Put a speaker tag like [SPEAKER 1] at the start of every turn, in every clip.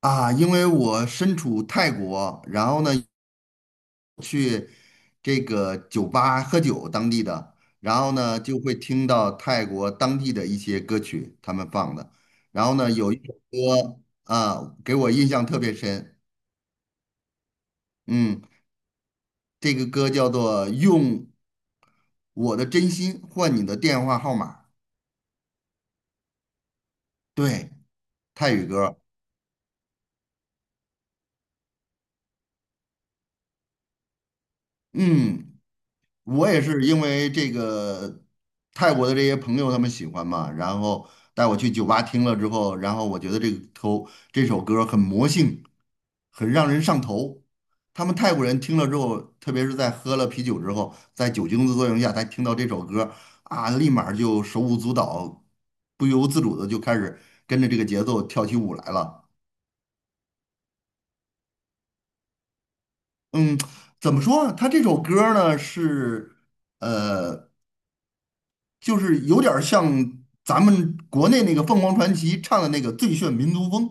[SPEAKER 1] 啊，因为我身处泰国，然后呢，这个酒吧喝酒当地的，然后呢就会听到泰国当地的一些歌曲他们放的，然后呢有一首歌啊给我印象特别深。嗯，这个歌叫做《用我的真心换你的电话号码》。对，泰语歌。嗯，我也是因为这个泰国的这些朋友他们喜欢嘛，然后带我去酒吧听了之后，然后我觉得这个头这首歌很魔性，很让人上头。他们泰国人听了之后，特别是在喝了啤酒之后，在酒精的作用下，他听到这首歌啊，立马儿就手舞足蹈，不由自主的就开始跟着这个节奏跳起舞来了。嗯，怎么说啊？他这首歌儿呢是呃。就是有点儿像咱们国内那个凤凰传奇唱的那个《最炫民族风》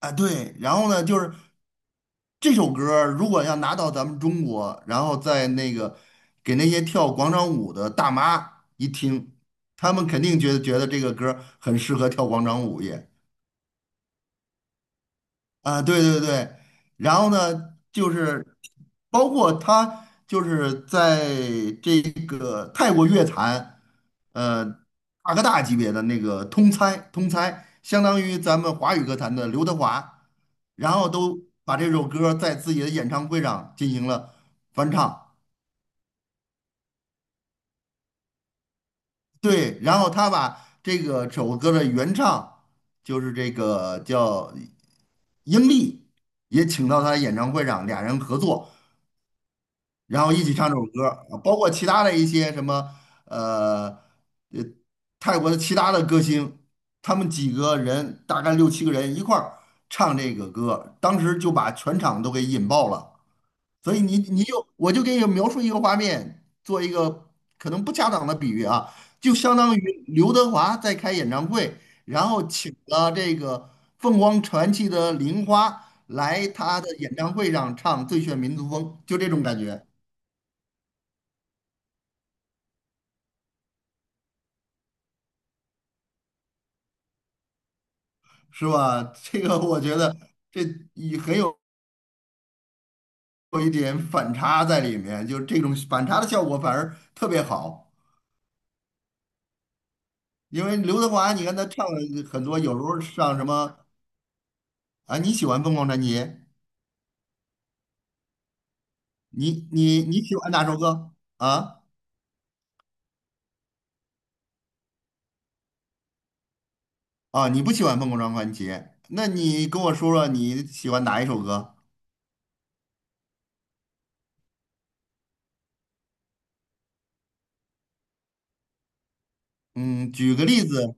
[SPEAKER 1] 啊，对。然后呢，就是这首歌儿如果要拿到咱们中国，然后在那个给那些跳广场舞的大妈一听，他们肯定觉得这个歌儿很适合跳广场舞也。啊，对对对，然后呢，就是包括他就是在这个泰国乐坛，呃，大哥大级别的那个通猜，通猜，相当于咱们华语歌坛的刘德华，然后都把这首歌在自己的演唱会上进行了翻唱。对，然后他把这首歌的原唱就是这个叫英丽，也请到他的演唱会上，俩人合作。然后一起唱这首歌儿，啊包括其他的一些什么呃呃泰国的其他的歌星，他们几个人大概六七个人一块儿唱这个歌，当时就把全场都给引爆了。所以你你就我就给你描述一个画面，做一个可能不恰当的比喻啊，就相当于刘德华在开演唱会，然后请了这个凤凰传奇的玲花来他的演唱会上唱《最炫民族风》，就这种感觉。是吧？这个我觉得这也很有有一点反差在里面，就这种反差的效果反而特别好。因为刘德华，你看他唱了很多，有时候上什么啊？你喜欢《凤凰传奇》？你喜欢哪首歌啊？啊，你不喜欢《凤凰传奇》？那你跟我说说你喜欢哪一首歌？嗯，举个例子。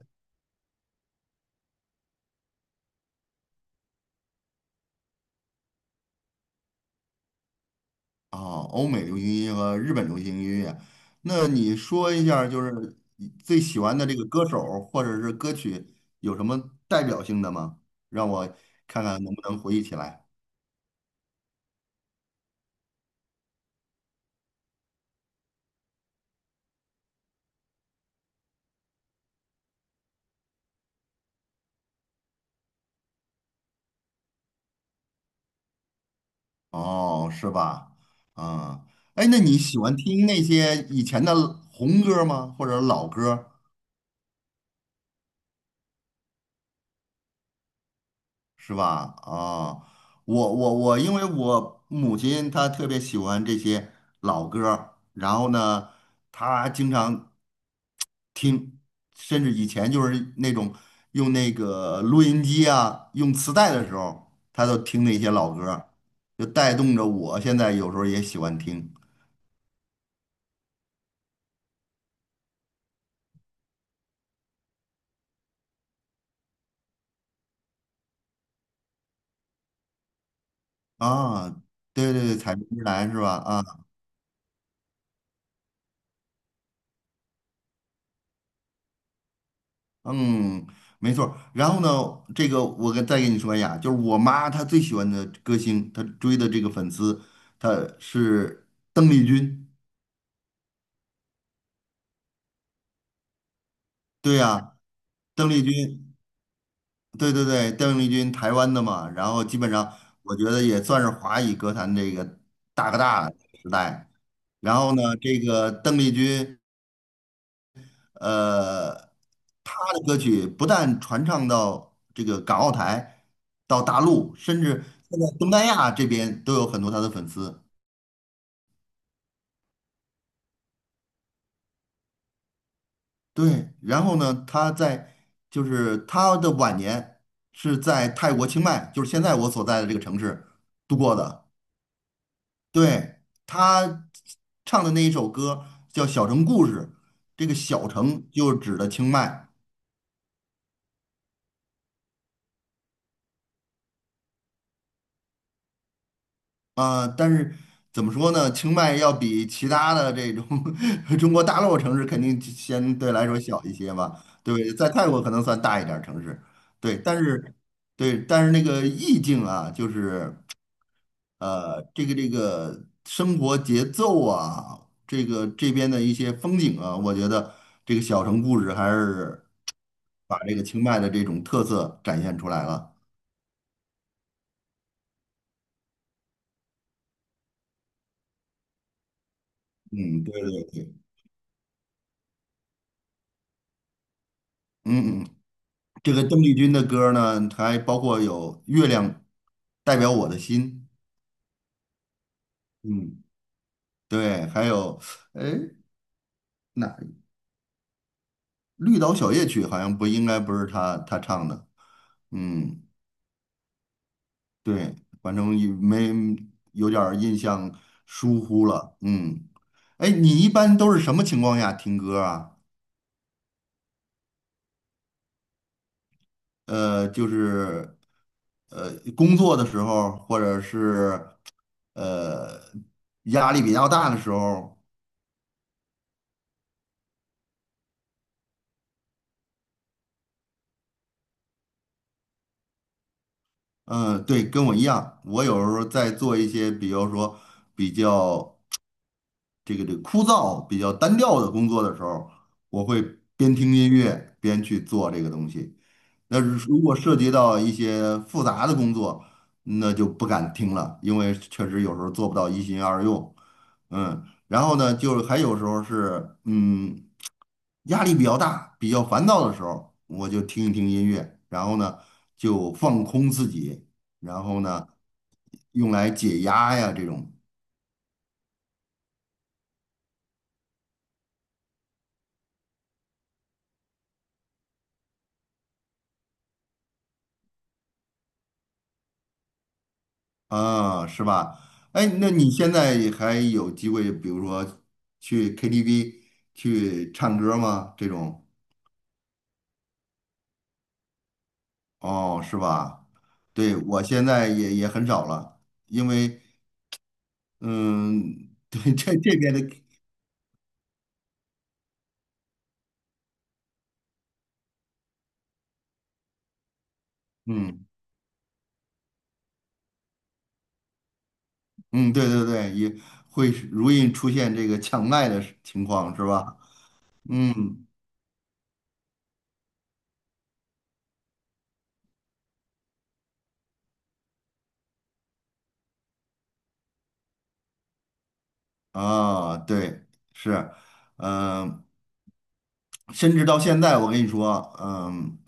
[SPEAKER 1] 啊，欧美流行音乐和日本流行音乐，那你说一下儿就是你最喜欢的这个歌手儿或者是歌曲有什么代表性的吗？让我看看能不能回忆起来。哦，是吧？啊，哎，那你喜欢听那些以前的红歌儿吗？或者老歌儿是吧？啊，我，因为我母亲她特别喜欢这些老歌儿，然后呢，她经常听，甚至以前就是那种用那个录音机啊，用磁带的时候，他都听那些老歌儿，就带动着我现在有时候也喜欢听啊。对对对，彩云之南是吧？啊，嗯，没错儿，然后呢，我再跟你说一下，就是我妈她最喜欢的歌星，她追的这个粉丝，她是邓丽君。对呀、邓丽君，对对对，邓丽君台湾的嘛，然后基本上我觉得也算是华语歌坛这个大哥大时代。然后呢，这个邓丽君，呃，她的歌曲不但传唱到这个港澳台，到大陆，甚至现在东南亚这边都有很多她的粉丝。对，然后呢，她的晚年是在泰国清迈，就是现在我所在的这个城市度过的。对，他唱的那一首歌叫《小城故事》，这个小城就是指的清迈。啊、但是怎么说呢？清迈要比其他的这种 中国大陆城市肯定相对来说小一些吧？对对，在泰国可能算大一点儿城市。对，但是对，但是那个意境啊，就是这个生活节奏啊，这个这边的一些风景啊，我觉得这个《小城故事》还是把这个清迈的这种特色展现出来了。嗯，对对对，嗯嗯，这个邓丽君的歌呢，还包括有《月亮代表我的心》。嗯，对，还有，哎，那《绿岛小夜曲》好像不应该不是她唱的，嗯，对，反正也没有点儿印象，疏忽了。嗯，哎，你一般都是什么情况下听歌啊？就是工作的时候，或者是呃压力比较大的时候。嗯，对，跟我一样，我有时候在做一些，比如说比较这个枯燥、比较单调的工作的时候，我会边听音乐边去做这个东西。那如果涉及到一些复杂的工作，那就不敢听了，因为确实有时候做不到一心二用。嗯，然后呢，就是还有时候是嗯，压力比较大、比较烦躁的时候，我就听一听音乐，然后呢就放空自己，然后呢用来解压呀这种。啊，是吧？哎，那你现在还有机会，比如说去 KTV 去唱歌吗？这种哦，是吧？对，我现在也很少了，因为嗯，对这这边的，嗯嗯，对对对，也会容易出现这个抢麦的情况，是吧？嗯啊，对，是，嗯、甚至到现在，我跟你说，嗯，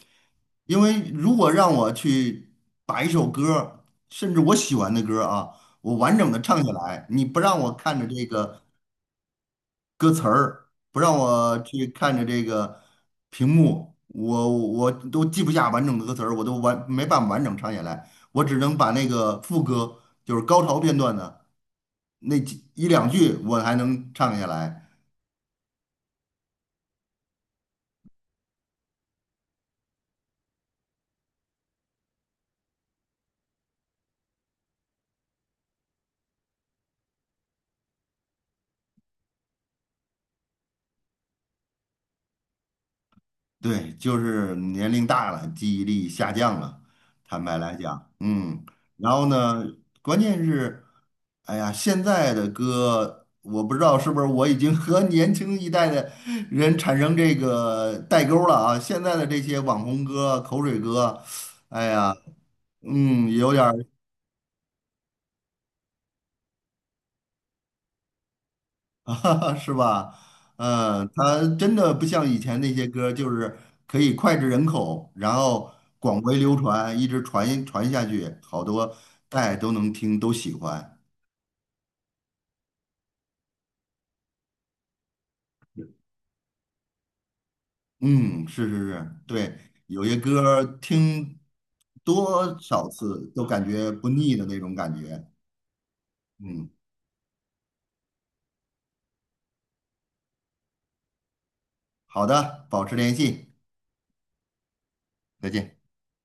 [SPEAKER 1] 因为如果让我去把一首歌儿甚至我喜欢的歌儿啊，我完整的唱下来，你不让我看着这个歌词儿，不让我去看着这个屏幕，我都记不下完整的歌词儿，我都没办法完整唱下来，我只能把那个副歌，就是高潮片段的那一两句，我还能唱下来。对，就是年龄大了，记忆力下降了，坦白来讲。嗯，然后呢，关键是，哎呀，现在的歌，我不知道是不是我已经和 年轻一代的人产生这个代沟了啊。现在的这些网红歌、口水歌，哎呀，嗯，有点儿啊，是吧？嗯，它真的不像以前那些歌儿就是可以脍炙人口，然后广为流传，一直传下去，好多代都能听，都喜欢。嗯，是是是，对，有些歌儿听多少次都感觉不腻的那种感觉。嗯，好的，保持联系，再见。